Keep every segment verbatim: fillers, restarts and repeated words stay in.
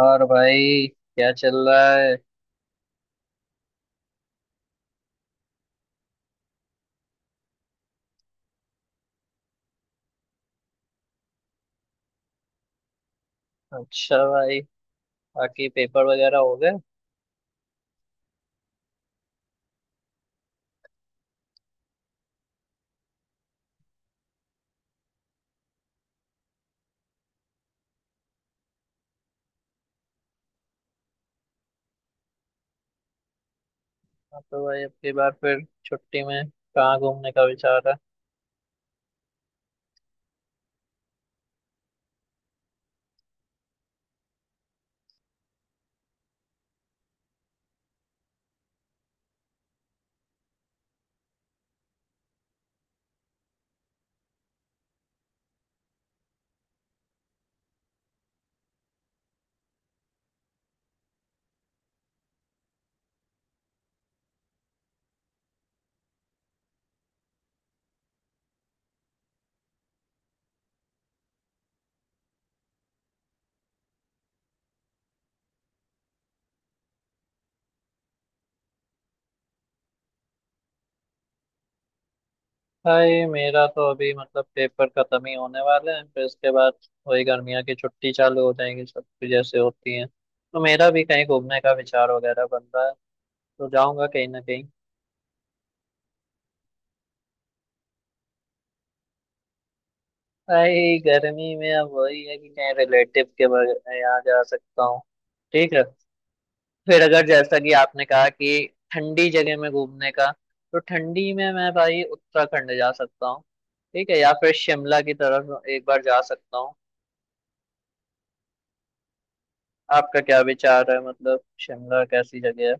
और भाई क्या चल रहा है? अच्छा भाई, बाकी पेपर वगैरह हो गए? हाँ तो भाई अगली बार फिर छुट्टी में कहाँ घूमने का विचार है? भाई मेरा तो अभी मतलब पेपर खत्म ही होने वाले हैं, फिर इसके बाद वही गर्मियों की छुट्टी चालू हो जाएंगी, सब कुछ जैसे होती है। तो मेरा भी कहीं घूमने का विचार वगैरह बन रहा है, तो जाऊंगा कहीं ना कहीं। भाई गर्मी में अब वही है कि कहीं रिलेटिव के बग- यहाँ जा सकता हूँ। ठीक है, फिर अगर जैसा कि आपने कहा कि ठंडी जगह में घूमने का, तो ठंडी में मैं भाई उत्तराखंड जा सकता हूँ। ठीक है, या फिर शिमला की तरफ एक बार जा सकता हूँ। आपका क्या विचार है, मतलब शिमला कैसी जगह है?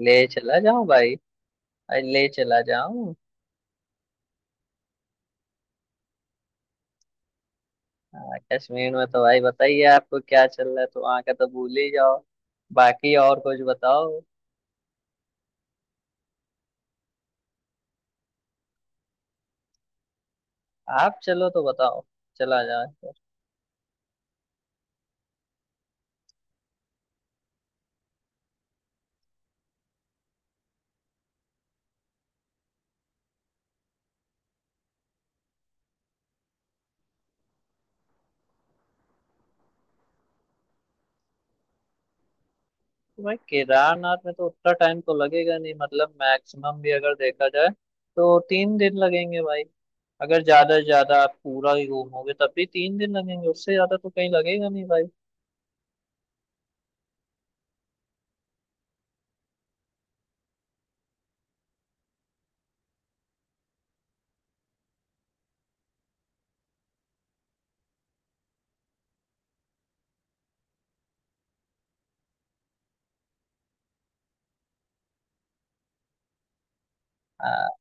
ले चला जाऊं भाई? अरे ले चला जाऊं। हाँ, कश्मीर में तो भाई बताइए, आपको क्या चल रहा है, तो वहाँ का तो भूल ही जाओ। बाकी और कुछ बताओ। आप चलो तो बताओ, चला जाए तो। भाई केदारनाथ में तो उतना टाइम तो लगेगा नहीं, मतलब मैक्सिमम भी अगर देखा जाए तो तीन दिन लगेंगे भाई। अगर ज्यादा से ज्यादा आप पूरा ही घूमोगे तब भी तीन दिन लगेंगे, उससे ज्यादा तो कहीं लगेगा नहीं भाई। हाँ।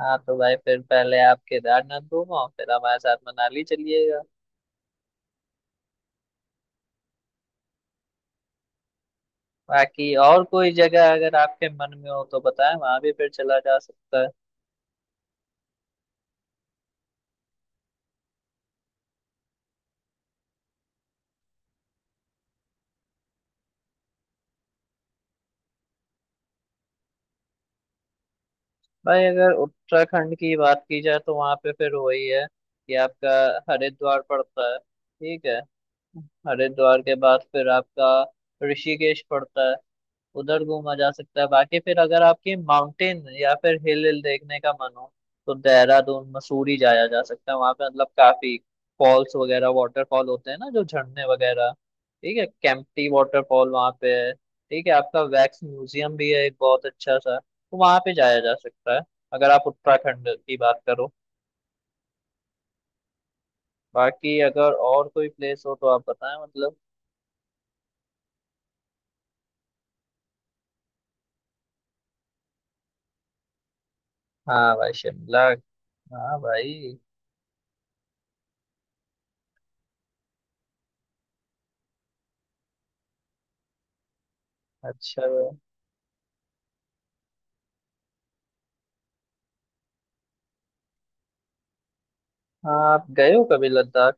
हाँ तो भाई फिर पहले आप केदारनाथ घूमो, फिर हमारे साथ मनाली चलिएगा। बाकी और कोई जगह अगर आपके मन में हो तो बताएं, वहां भी फिर चला जा सकता है। भाई अगर उत्तराखंड की बात की जाए तो वहां पे फिर वही है कि आपका हरिद्वार पड़ता है, ठीक है? हरिद्वार के बाद फिर आपका ऋषिकेश पड़ता है। उधर घूमा जा सकता है। बाकी फिर अगर आपकी माउंटेन या फिर हिल हिल देखने का मन हो, तो देहरादून मसूरी जाया जा सकता है। वहां पे मतलब काफी फॉल्स वगैरह, वाटरफॉल होते हैं ना, जो झरने वगैरह। ठीक है, केम्प्टी वाटरफॉल वहां पे है। ठीक है, आपका वैक्स म्यूजियम भी है एक बहुत अच्छा सा, तो वहां पे जाया जा सकता है, अगर आप उत्तराखंड की बात करो। बाकी अगर और कोई प्लेस हो तो आप बताएं मतलब। हाँ भाई शिमला, हाँ भाई। अच्छा भाई। हाँ आप गए हो कभी लद्दाख?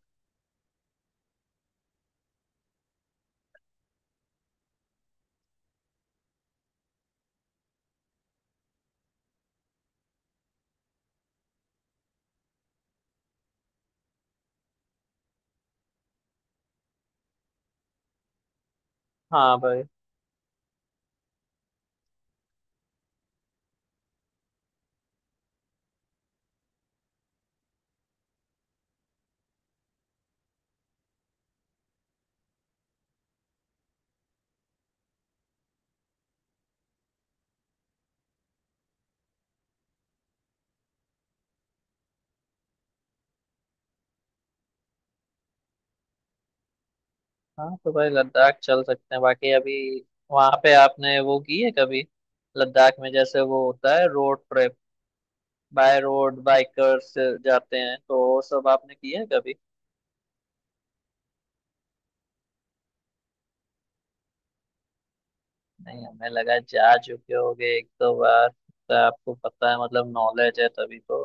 हाँ भाई। हाँ तो भाई लद्दाख चल सकते हैं, बाकी अभी वहाँ पे आपने वो की है कभी? लद्दाख में जैसे वो होता है road trip, by road bikers जाते हैं, तो वो सब आपने किया है कभी? नहीं, हमें लगा जा चुके होगे एक दो बार, तो आपको पता है मतलब नॉलेज है तभी तो।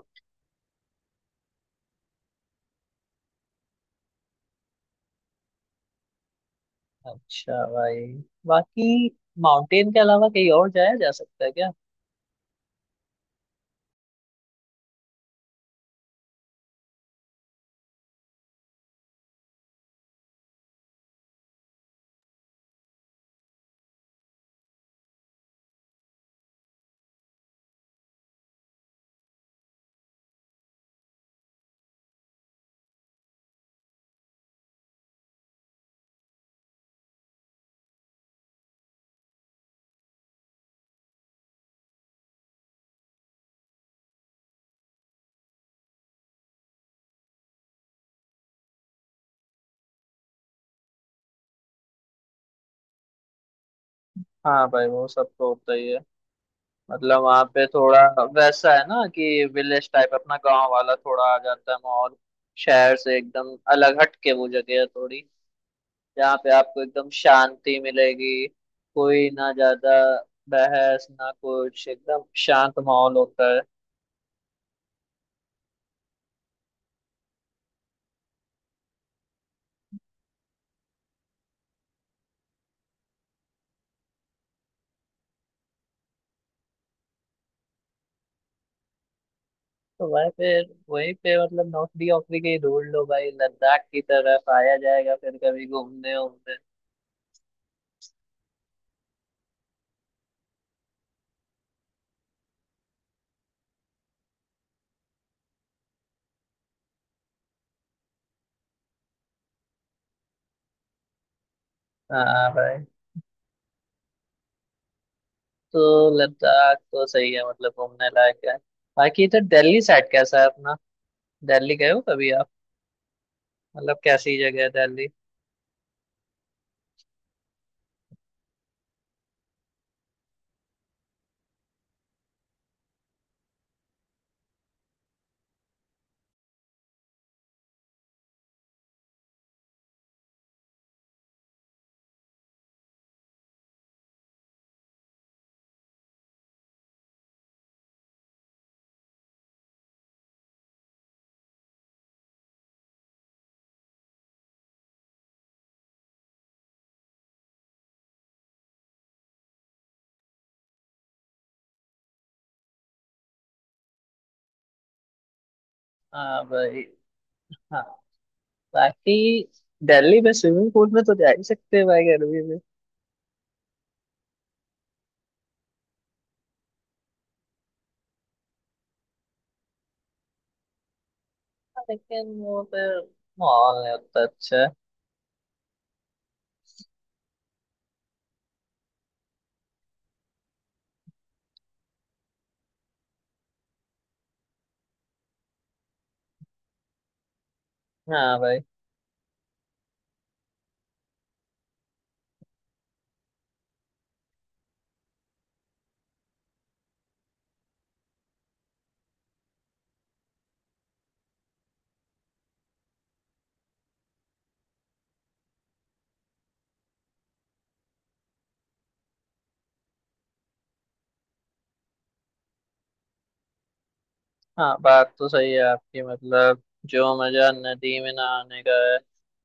अच्छा भाई। बाकी माउंटेन के अलावा कहीं और जाया जा सकता है क्या? हाँ भाई वो सब तो होता ही है। मतलब वहाँ पे थोड़ा वैसा है ना कि विलेज टाइप, अपना गांव वाला थोड़ा आ जाता है माहौल। शहर से एकदम अलग हट के वो जगह है थोड़ी, जहाँ पे आपको एकदम शांति मिलेगी। कोई ना ज्यादा बहस ना कुछ, एकदम शांत माहौल होता है। तो भाई फिर वहीं पे मतलब नौकरी वोकरी की ढूंढ लो भाई, लद्दाख की तरफ आया जाएगा फिर कभी घूमने वूमने। हाँ भाई। तो लद्दाख तो सही है, मतलब घूमने लायक है। बाकी इधर दिल्ली साइड कैसा है अपना? दिल्ली गए हो कभी आप? मतलब कैसी जगह है दिल्ली? हाँ भाई। हाँ। बाकी दिल्ली में स्विमिंग पूल में तो जा ही सकते हैं भाई गर्मी में। हाँ, लेकिन वो फिर माहौल नहीं उतना अच्छा है। हाँ भाई। हाँ बात तो सही है आपकी। मतलब जो मजा नदी में नहाने का है,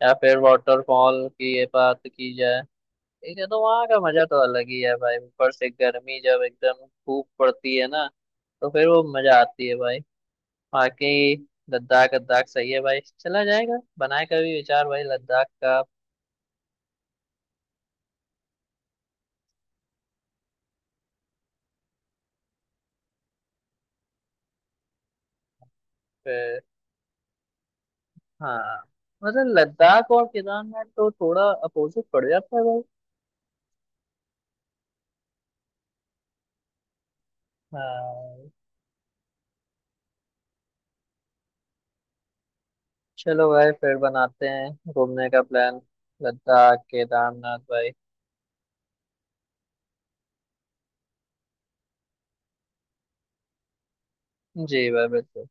या फिर वाटरफॉल की ये बात की जाए, लेकिन तो वहां का मजा तो अलग ही है भाई। ऊपर से गर्मी जब एकदम खूब पड़ती है ना, तो फिर वो मजा आती है भाई। बाकी लद्दाख लद्दाख सही है भाई, चला जाएगा। बनाए कभी विचार भाई लद्दाख का। फिर हाँ, मतलब लद्दाख और केदारनाथ तो थोड़ा अपोजिट पड़ जाता है भाई। हाँ। चलो भाई फिर बनाते हैं घूमने का प्लान, लद्दाख केदारनाथ भाई। जी भाई, बिल्कुल।